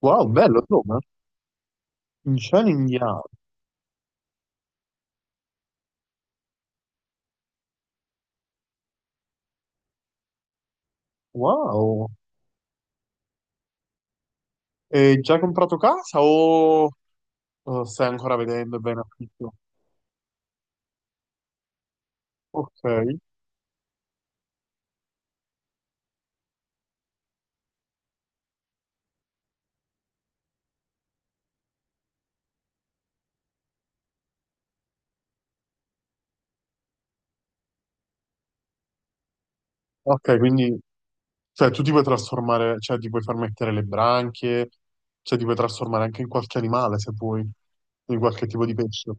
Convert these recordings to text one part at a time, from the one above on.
Wow, bello, Roma. In cielo indiano. Wow. E già hai comprato casa o stai ancora vedendo bene affitto? Ok. Ok, quindi cioè, tu ti puoi trasformare, cioè ti puoi far mettere le branchie, cioè ti puoi trasformare anche in qualche animale se vuoi, in qualche tipo di pesce.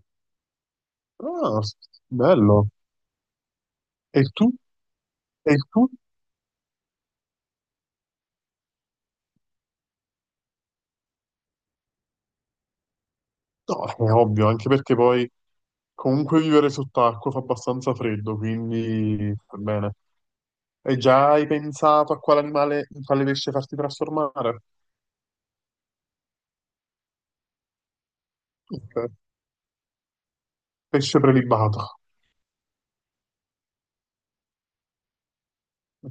Ah, bello. E tu? E tu? No, è ovvio, anche perché poi comunque vivere sott'acqua fa abbastanza freddo, quindi va bene. E già hai pensato a quale animale, in quale pesce farti trasformare? Ok. Pesce prelibato.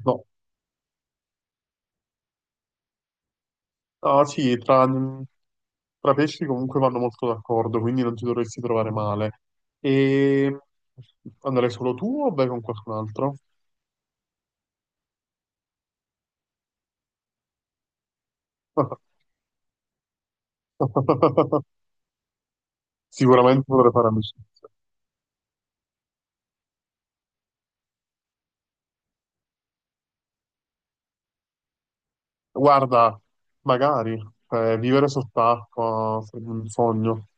No. Ah sì, tra pesci comunque vanno molto d'accordo, quindi non ti dovresti trovare male. E andrai solo tu o vai con qualcun altro? Sicuramente dovrei fare amicizia. Guarda, magari vivere sott'acqua sarebbe un sogno.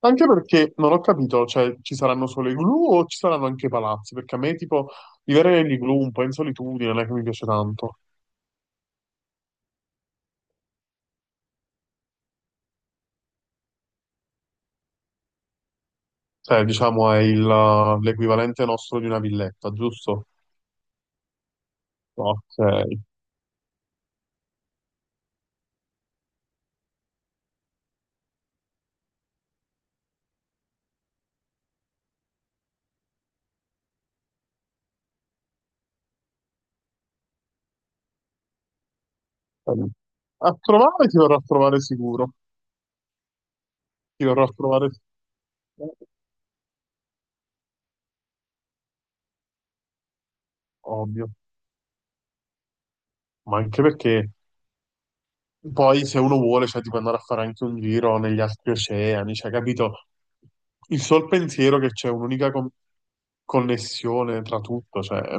Anche perché non ho capito, cioè ci saranno solo i igloo o ci saranno anche i palazzi? Perché a me tipo vivere negli igloo un po' in solitudine non è che mi piace tanto. Cioè, diciamo è l'equivalente nostro di una villetta, giusto? Ok. A trovare ti verrò a trovare sicuro. Ti verrò a trovare Ovvio, ma anche perché poi se uno vuole, cioè, ti può andare a fare anche un giro negli altri oceani, cioè, capito? Il sol pensiero che c'è un'unica connessione tra tutto, cioè, è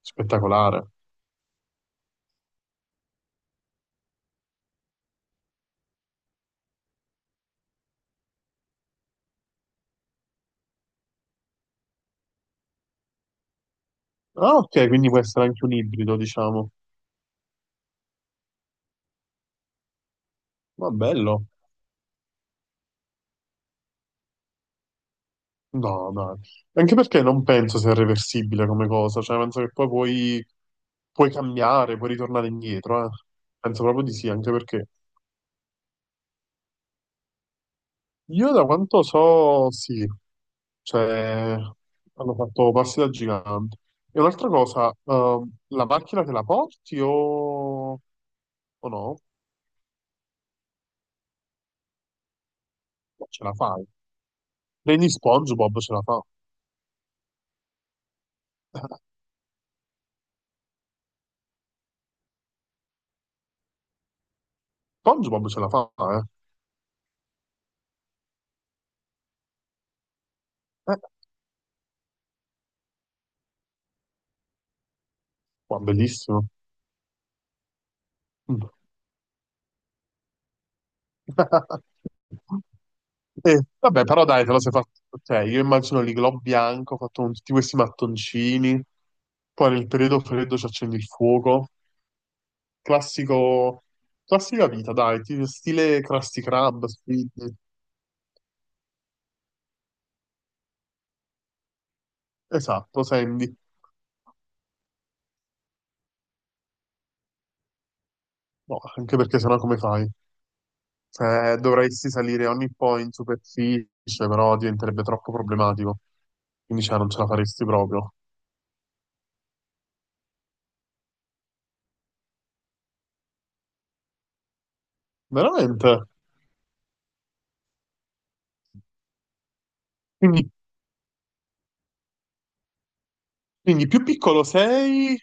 spettacolare. Ah, ok, quindi può essere anche un ibrido, diciamo. Ma bello. No, dai. Anche perché non penso sia reversibile come cosa, cioè, penso che poi puoi, cambiare, puoi ritornare indietro, eh. Penso proprio di sì, anche perché io da quanto so, sì, cioè hanno fatto passi da gigante. E un'altra cosa, la macchina te la porti o no? No, ce la fai. Prendi SpongeBob, ce la fa. SpongeBob ce la fa, eh? Eh, qua, bellissimo. Mm. Vabbè, però dai, te lo sei fatto. Cioè, io immagino l'iglò bianco ho fatto con tutti questi mattoncini. Poi nel periodo freddo ci accendi il fuoco. Classico, classica vita, dai, stile Krusty Krab, Squid. Esatto, Sandy. No, anche perché sennò come fai? Dovresti salire ogni po' in superficie, però diventerebbe troppo problematico. Quindi cioè, non ce la faresti proprio. Veramente. Quindi, quindi più piccolo sei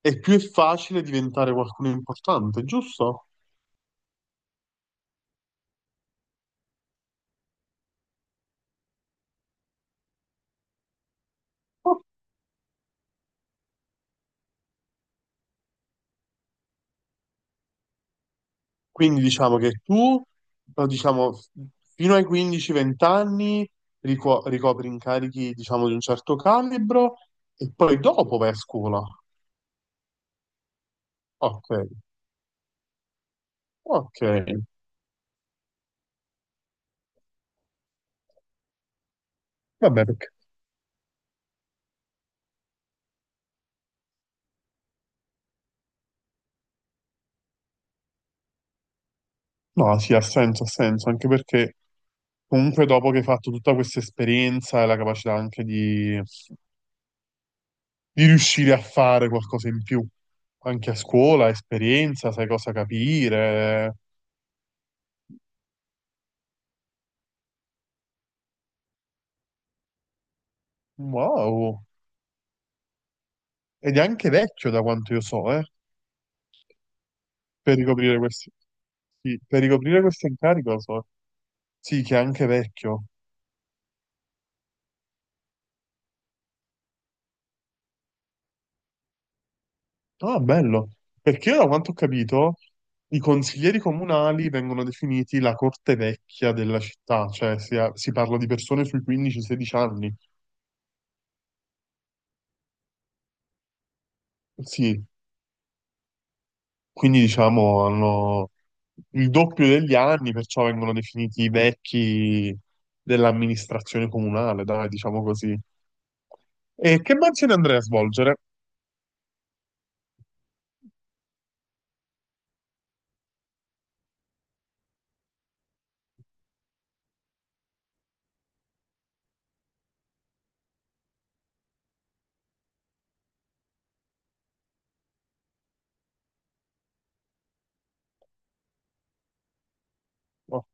e più è facile diventare qualcuno importante, giusto? Quindi diciamo che tu, però, diciamo, fino ai 15-20 anni ricopri incarichi, diciamo, di un certo calibro e poi dopo vai a scuola. Ok, ok. Vabbè, perché. No, sì, ha senso, anche perché comunque dopo che hai fatto tutta questa esperienza e la capacità anche di riuscire a fare qualcosa in più, anche a scuola, esperienza, sai cosa capire. Wow. Ed è anche vecchio da quanto io so, eh. Per ricoprire questo. Sì, per ricoprire questo incarico, so. Sì, che è anche vecchio. Ah, bello. Perché io, da quanto ho capito, i consiglieri comunali vengono definiti la corte vecchia della città, cioè si, si parla di persone sui 15-16 anni. Sì, quindi diciamo hanno il doppio degli anni, perciò vengono definiti i vecchi dell'amministrazione comunale, dai, diciamo così. E che mansione andrei a svolgere? Ok,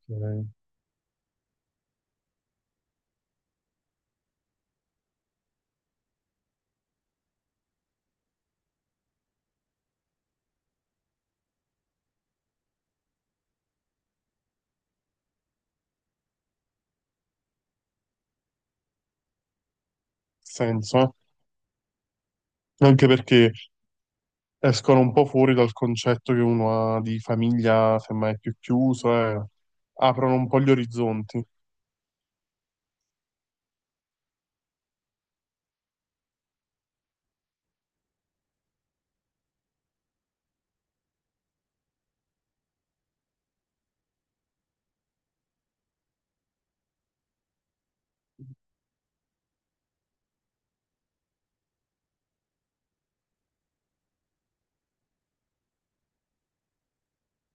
senso. Anche perché escono un po' fuori dal concetto che uno ha di famiglia, semmai più chiuso, e aprono un po' gli orizzonti.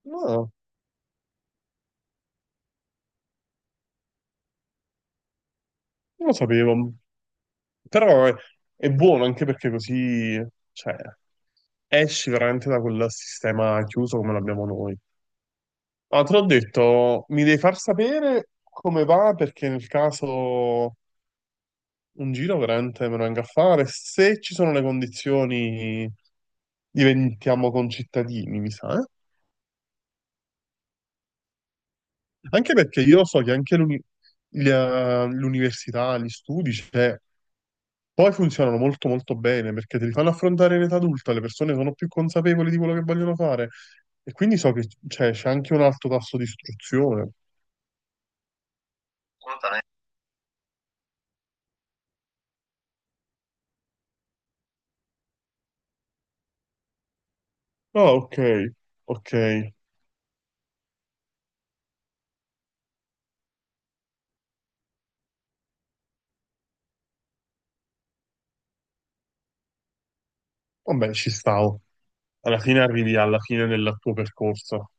No, non lo sapevo, però è buono anche perché così, cioè, esci veramente da quel sistema chiuso come l'abbiamo noi. Ma te l'ho detto, mi devi far sapere come va perché nel caso un giro veramente me lo venga a fare, se ci sono le condizioni diventiamo concittadini, mi sa, eh? Anche perché io so che anche l'università, gli studi, cioè, poi funzionano molto molto bene perché te li fanno affrontare in età adulta, le persone sono più consapevoli di quello che vogliono fare e quindi so che cioè, c'è anche un alto tasso di istruzione. Assolutamente. Ah, ok, ok. Vabbè, ci stavo. Alla fine arrivi alla fine del tuo percorso.